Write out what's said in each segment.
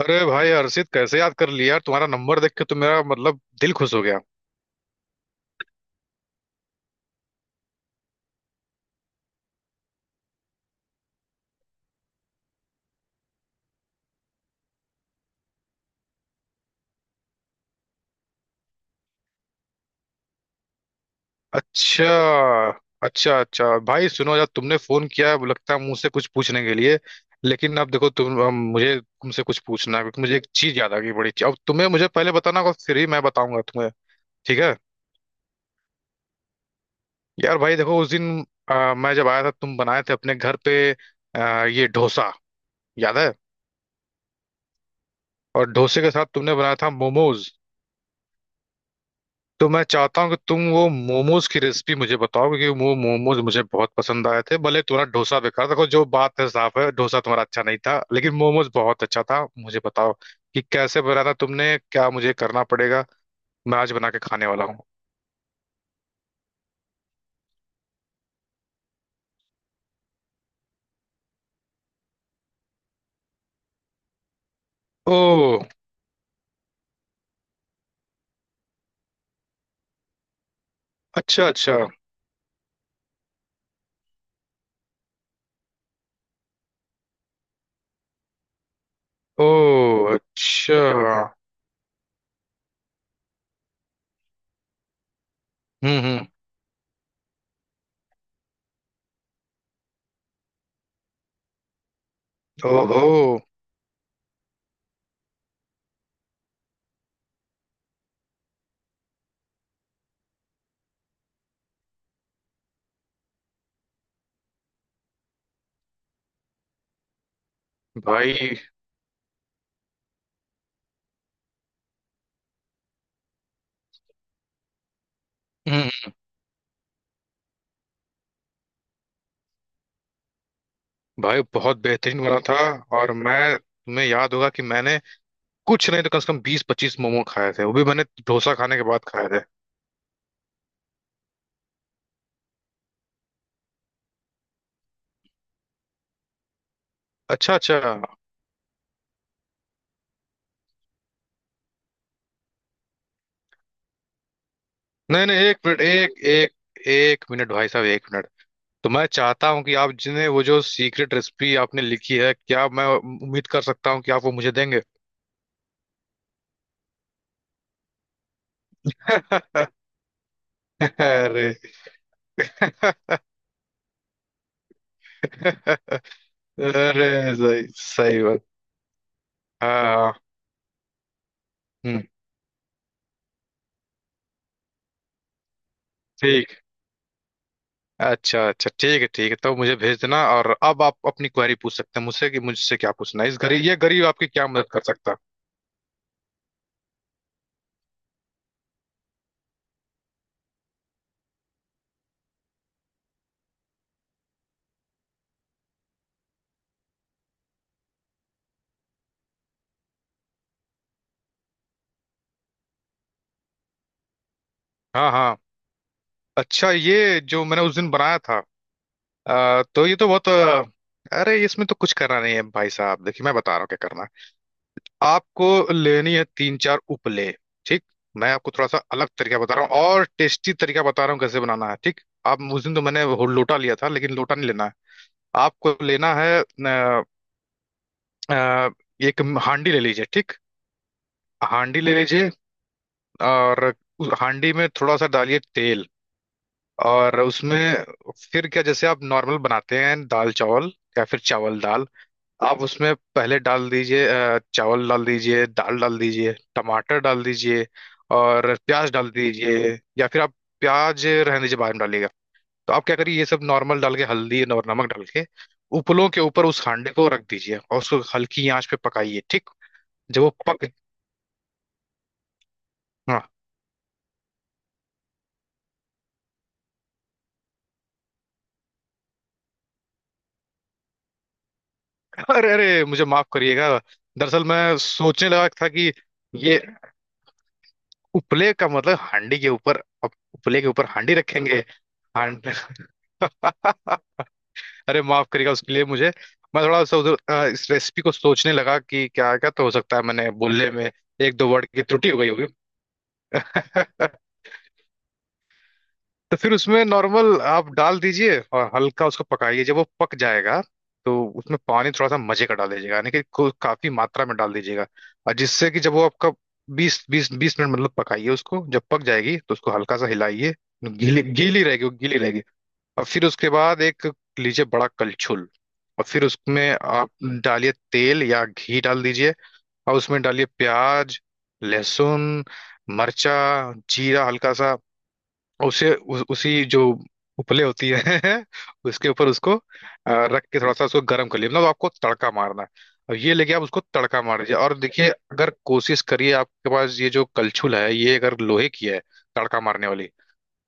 अरे भाई हर्षित, कैसे याद कर लिया यार? तुम्हारा नंबर देख के तो मेरा मतलब दिल खुश हो गया। अच्छा अच्छा, अच्छा भाई सुनो यार, तुमने फोन किया अब लगता है मुझसे कुछ पूछने के लिए। लेकिन अब देखो तुम, अब मुझे तुमसे कुछ पूछना है, क्योंकि मुझे एक चीज याद आ गई बड़ी। अब तुम्हें मुझे पहले बताना होगा, फिर ही मैं बताऊंगा तुम्हें। ठीक है। यार भाई देखो उस दिन मैं जब आया था तुम बनाए थे अपने घर पे ये डोसा। याद है। और डोसे के साथ तुमने बनाया था मोमोज। तो मैं चाहता हूँ कि तुम वो मोमोज की रेसिपी मुझे बताओ, क्योंकि वो मोमोज मुझे बहुत पसंद आए थे। भले तुम्हारा डोसा बेकार था, देखो जो बात है साफ है, डोसा तुम्हारा अच्छा नहीं था लेकिन मोमोज बहुत अच्छा था। मुझे बताओ कि कैसे बनाया था तुमने, क्या मुझे करना पड़ेगा? मैं आज बना के खाने वाला हूँ। ओ अच्छा अच्छा। ओ अच्छा। हम्म। ओहो। भाई। हम्म, भाई बहुत बेहतरीन बना था। और मैं, तुम्हें याद होगा कि मैंने कुछ नहीं तो कम से कम 20-25 मोमो खाए थे, वो भी मैंने डोसा खाने के बाद खाए थे। अच्छा अच्छा। नहीं नहीं, एक मिनट। एक एक एक मिनट भाई साहब, एक मिनट। तो मैं चाहता हूँ कि आप जिन्हें वो जो सीक्रेट रेसिपी आपने लिखी है, क्या मैं उम्मीद कर सकता हूँ कि आप वो मुझे देंगे? अरे। अरे सही सही बात। हाँ हाँ। हम्म, ठीक। अच्छा अच्छा, ठीक है ठीक है। तो मुझे भेज देना। और अब आप अपनी क्वेरी पूछ सकते हैं मुझसे, कि मुझसे क्या पूछना है? इस गरीब, ये गरीब आपकी क्या मदद कर सकता है? हाँ हाँ। अच्छा, ये जो मैंने उस दिन बनाया था तो ये तो बहुत अरे इसमें तो कुछ करना नहीं है भाई साहब। देखिए मैं बता रहा हूँ क्या करना है आपको। लेनी है तीन चार उपले। ठीक। मैं आपको थोड़ा सा अलग तरीका बता रहा हूँ, और टेस्टी तरीका बता रहा हूँ कैसे बनाना है। ठीक। आप उस दिन तो मैंने वो लोटा लिया था, लेकिन लोटा नहीं लेना है। आपको लेना है अ, एक हांडी ले लीजिए। ठीक। हांडी ले लीजिए। और उस हांडी में थोड़ा सा डालिए तेल। और उसमें फिर क्या, जैसे आप नॉर्मल बनाते हैं दाल चावल, या फिर चावल दाल। आप उसमें पहले डाल दीजिए चावल डाल दीजिए, दाल डाल दीजिए, टमाटर डाल दीजिए, और प्याज डाल दीजिए। या फिर आप प्याज रहने दीजिए, बाद में डालिएगा। तो आप क्या करिए, ये सब नॉर्मल डाल के, हल्दी और नमक डाल के, उपलों के ऊपर उस हांडे को रख दीजिए, और उसको हल्की आंच पे पकाइए। ठीक। जब वो पक, अरे अरे, मुझे माफ करिएगा। दरअसल मैं सोचने लगा था कि ये उपले का मतलब हांडी के ऊपर। अब उपले के ऊपर हांडी रखेंगे। हांड अरे माफ करिएगा, उसके लिए मुझे। मैं थोड़ा सा उधर इस रेसिपी को सोचने लगा कि क्या क्या तो हो सकता है, मैंने बोलने में एक दो वर्ड की त्रुटि हो गई होगी। तो फिर उसमें नॉर्मल आप डाल दीजिए, और हल्का उसको पकाइए। जब वो पक जाएगा तो उसमें पानी थोड़ा सा मजे का डाल दीजिएगा, यानी कि काफी मात्रा में डाल दीजिएगा। और जिससे कि जब वो आपका बीस बीस बीस मिनट मतलब पकाइए उसको, जब पक जाएगी तो उसको हल्का सा हिलाइए। गीली गीली रहेगी, वो गीली रहेगी। और फिर उसके बाद एक लीजिए बड़ा कलछुल। और फिर उसमें आप डालिए तेल, या घी डाल दीजिए। और उसमें डालिए प्याज, लहसुन, मर्चा, जीरा हल्का सा। उसे उसी जो उपले होती है उसके ऊपर उसको रख के थोड़ा सा उसको गर्म कर लिया, मतलब आपको तड़का मारना है। और ये लेके आप उसको तड़का मार दीजिए। और देखिए, अगर कोशिश करिए आपके पास ये जो कलछुल है, ये अगर लोहे की है तड़का मारने वाली,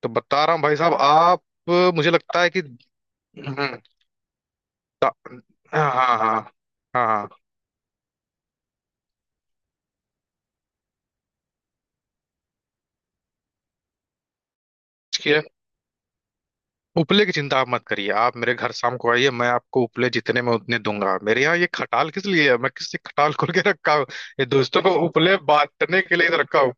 तो बता रहा हूँ भाई साहब आप। मुझे लगता है कि हम्म, हाँ हाँ हाँ। हाँ हाँ। उपले की चिंता आप मत करिए, आप मेरे घर शाम को आइए, मैं आपको उपले जितने में उतने दूंगा। मेरे यहाँ ये खटाल किस लिए है? मैं किससे खटाल खोल के रखा हूँ? ये दोस्तों को उपले बांटने के लिए तो रखा हूँ।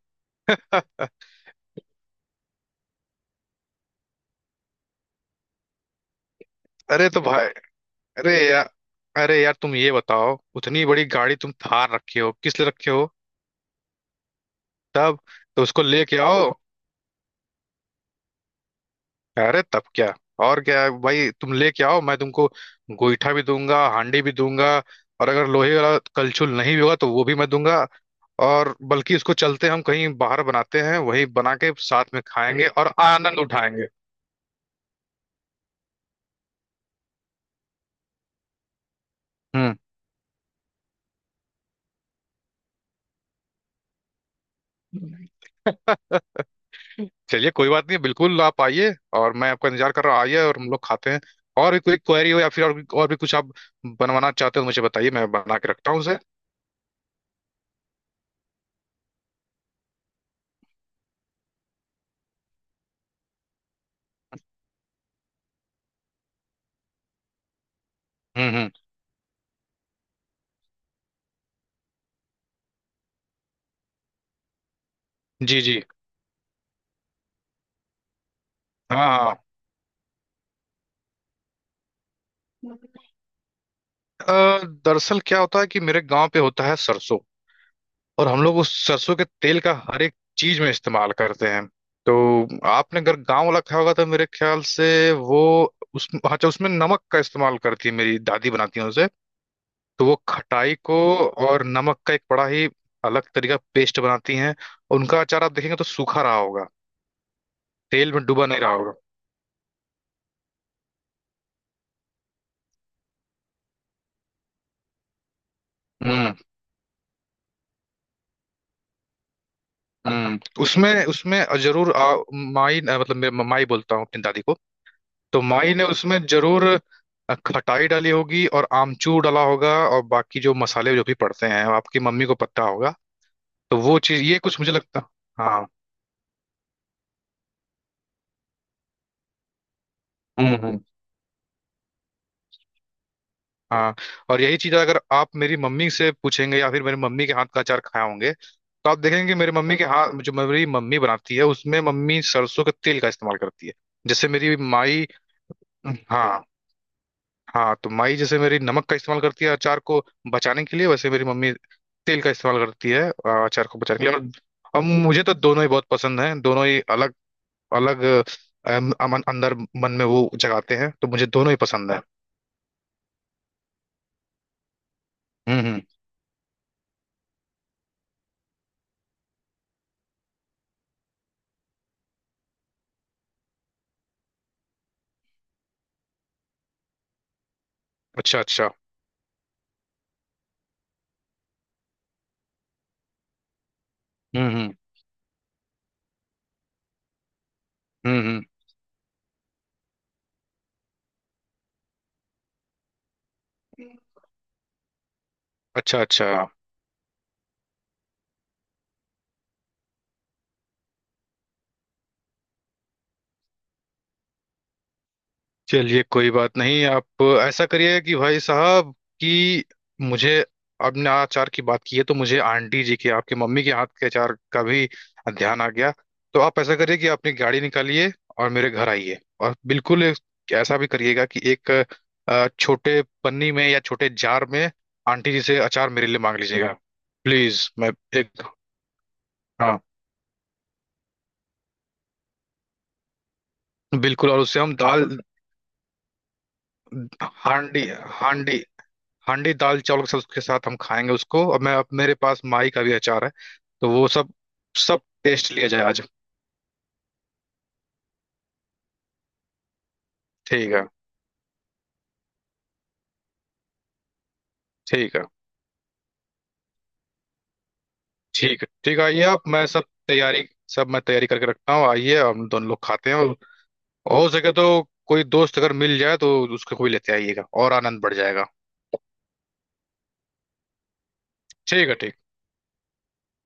अरे तो भाई, अरे यार, अरे यार तुम ये बताओ, उतनी बड़ी गाड़ी तुम थार रखे हो किस लिए रखे हो? तब तो उसको लेके आओ। अरे तब क्या, और क्या है भाई? तुम लेके आओ, मैं तुमको गोईठा भी दूंगा, हांडी भी दूंगा। और अगर लोहे वाला कलछुल नहीं भी होगा तो वो भी मैं दूंगा। और बल्कि इसको चलते हम कहीं बाहर बनाते हैं, वही बना के साथ में खाएंगे और आनंद उठाएंगे। हम्म। चलिए कोई बात नहीं, बिल्कुल आप आइए और मैं आपका इंतजार कर रहा हूँ। आइए और हम लोग खाते हैं। और भी कोई क्वेरी हो या फिर और भी कुछ आप बनवाना चाहते हो तो मुझे बताइए, मैं बना के रखता हूँ उसे। हम्म। जी जी। हाँ हाँ। दरअसल क्या होता है कि मेरे गांव पे होता है सरसों। और हम लोग उस सरसों के तेल का हर एक चीज में इस्तेमाल करते हैं। तो आपने अगर गांव वाला खाया होगा तो मेरे ख्याल से वो, उस हाँ, अच्छा, उसमें नमक का इस्तेमाल करती है, मेरी दादी बनाती है उसे। तो वो खटाई को और नमक का एक बड़ा ही अलग तरीका पेस्ट बनाती हैं। उनका अचार आप देखेंगे तो सूखा रहा होगा, तेल में डूबा नहीं रहा होगा। हम्म हम्म। उसमें, उसमें जरूर माई, मतलब मैं माई बोलता हूँ अपनी दादी को, तो माई ने उसमें जरूर खटाई डाली होगी और आमचूर डाला होगा। और बाकी जो मसाले जो भी पड़ते हैं वो आपकी मम्मी को पता होगा। तो वो चीज ये कुछ मुझे लगता। हाँ। हम्म। हाँ। और यही चीज अगर आप मेरी मम्मी से पूछेंगे या फिर मेरी मम्मी के हाथ का अचार खाए होंगे, तो आप देखेंगे मेरी मम्मी के हाथ, जो मेरी मम्मी बनाती है उसमें, मम्मी सरसों के तेल का इस्तेमाल करती है, जैसे मेरी माई। हाँ हाँ। तो माई जैसे मेरी नमक का इस्तेमाल करती है अचार को बचाने के लिए, वैसे मेरी मम्मी तेल का इस्तेमाल करती है अचार को बचाने के लिए। और हम्म, अब मुझे तो दोनों ही बहुत पसंद हैं, दोनों ही अलग अलग अमन अंदर मन में वो जगाते हैं, तो मुझे दोनों ही पसंद है। हम्म। अच्छा अच्छा। हम्म। हम्म। अच्छा अच्छा। चलिए कोई बात नहीं, आप ऐसा करिए कि भाई साहब, कि मुझे, आपने अचार की बात की है तो मुझे आंटी जी के, आपके मम्मी के हाथ के अचार का भी ध्यान आ गया। तो आप ऐसा करिए कि आप अपनी गाड़ी निकालिए और मेरे घर आइए। और बिल्कुल ऐसा भी करिएगा कि एक छोटे पन्नी में या छोटे जार में आंटी जी से अचार मेरे लिए मांग लीजिएगा। प्लीज, मैं एक, हाँ, बिल्कुल। और उससे हम दाल, हांडी हांडी हांडी दाल चावल के साथ, उसके साथ हम खाएंगे उसको। और मैं, अब मेरे पास माई का भी अचार है, तो वो सब, सब टेस्ट लिया जाए आज। ठीक है ठीक है। ठीक है ठीक है, आइए आप, मैं सब तैयारी, सब मैं तैयारी करके रखता हूँ। आइए हम दोनों लोग खाते हैं, और हो सके तो कोई दोस्त अगर मिल जाए तो उसको भी लेते आइएगा, और आनंद बढ़ जाएगा। ठीक है। ठीक।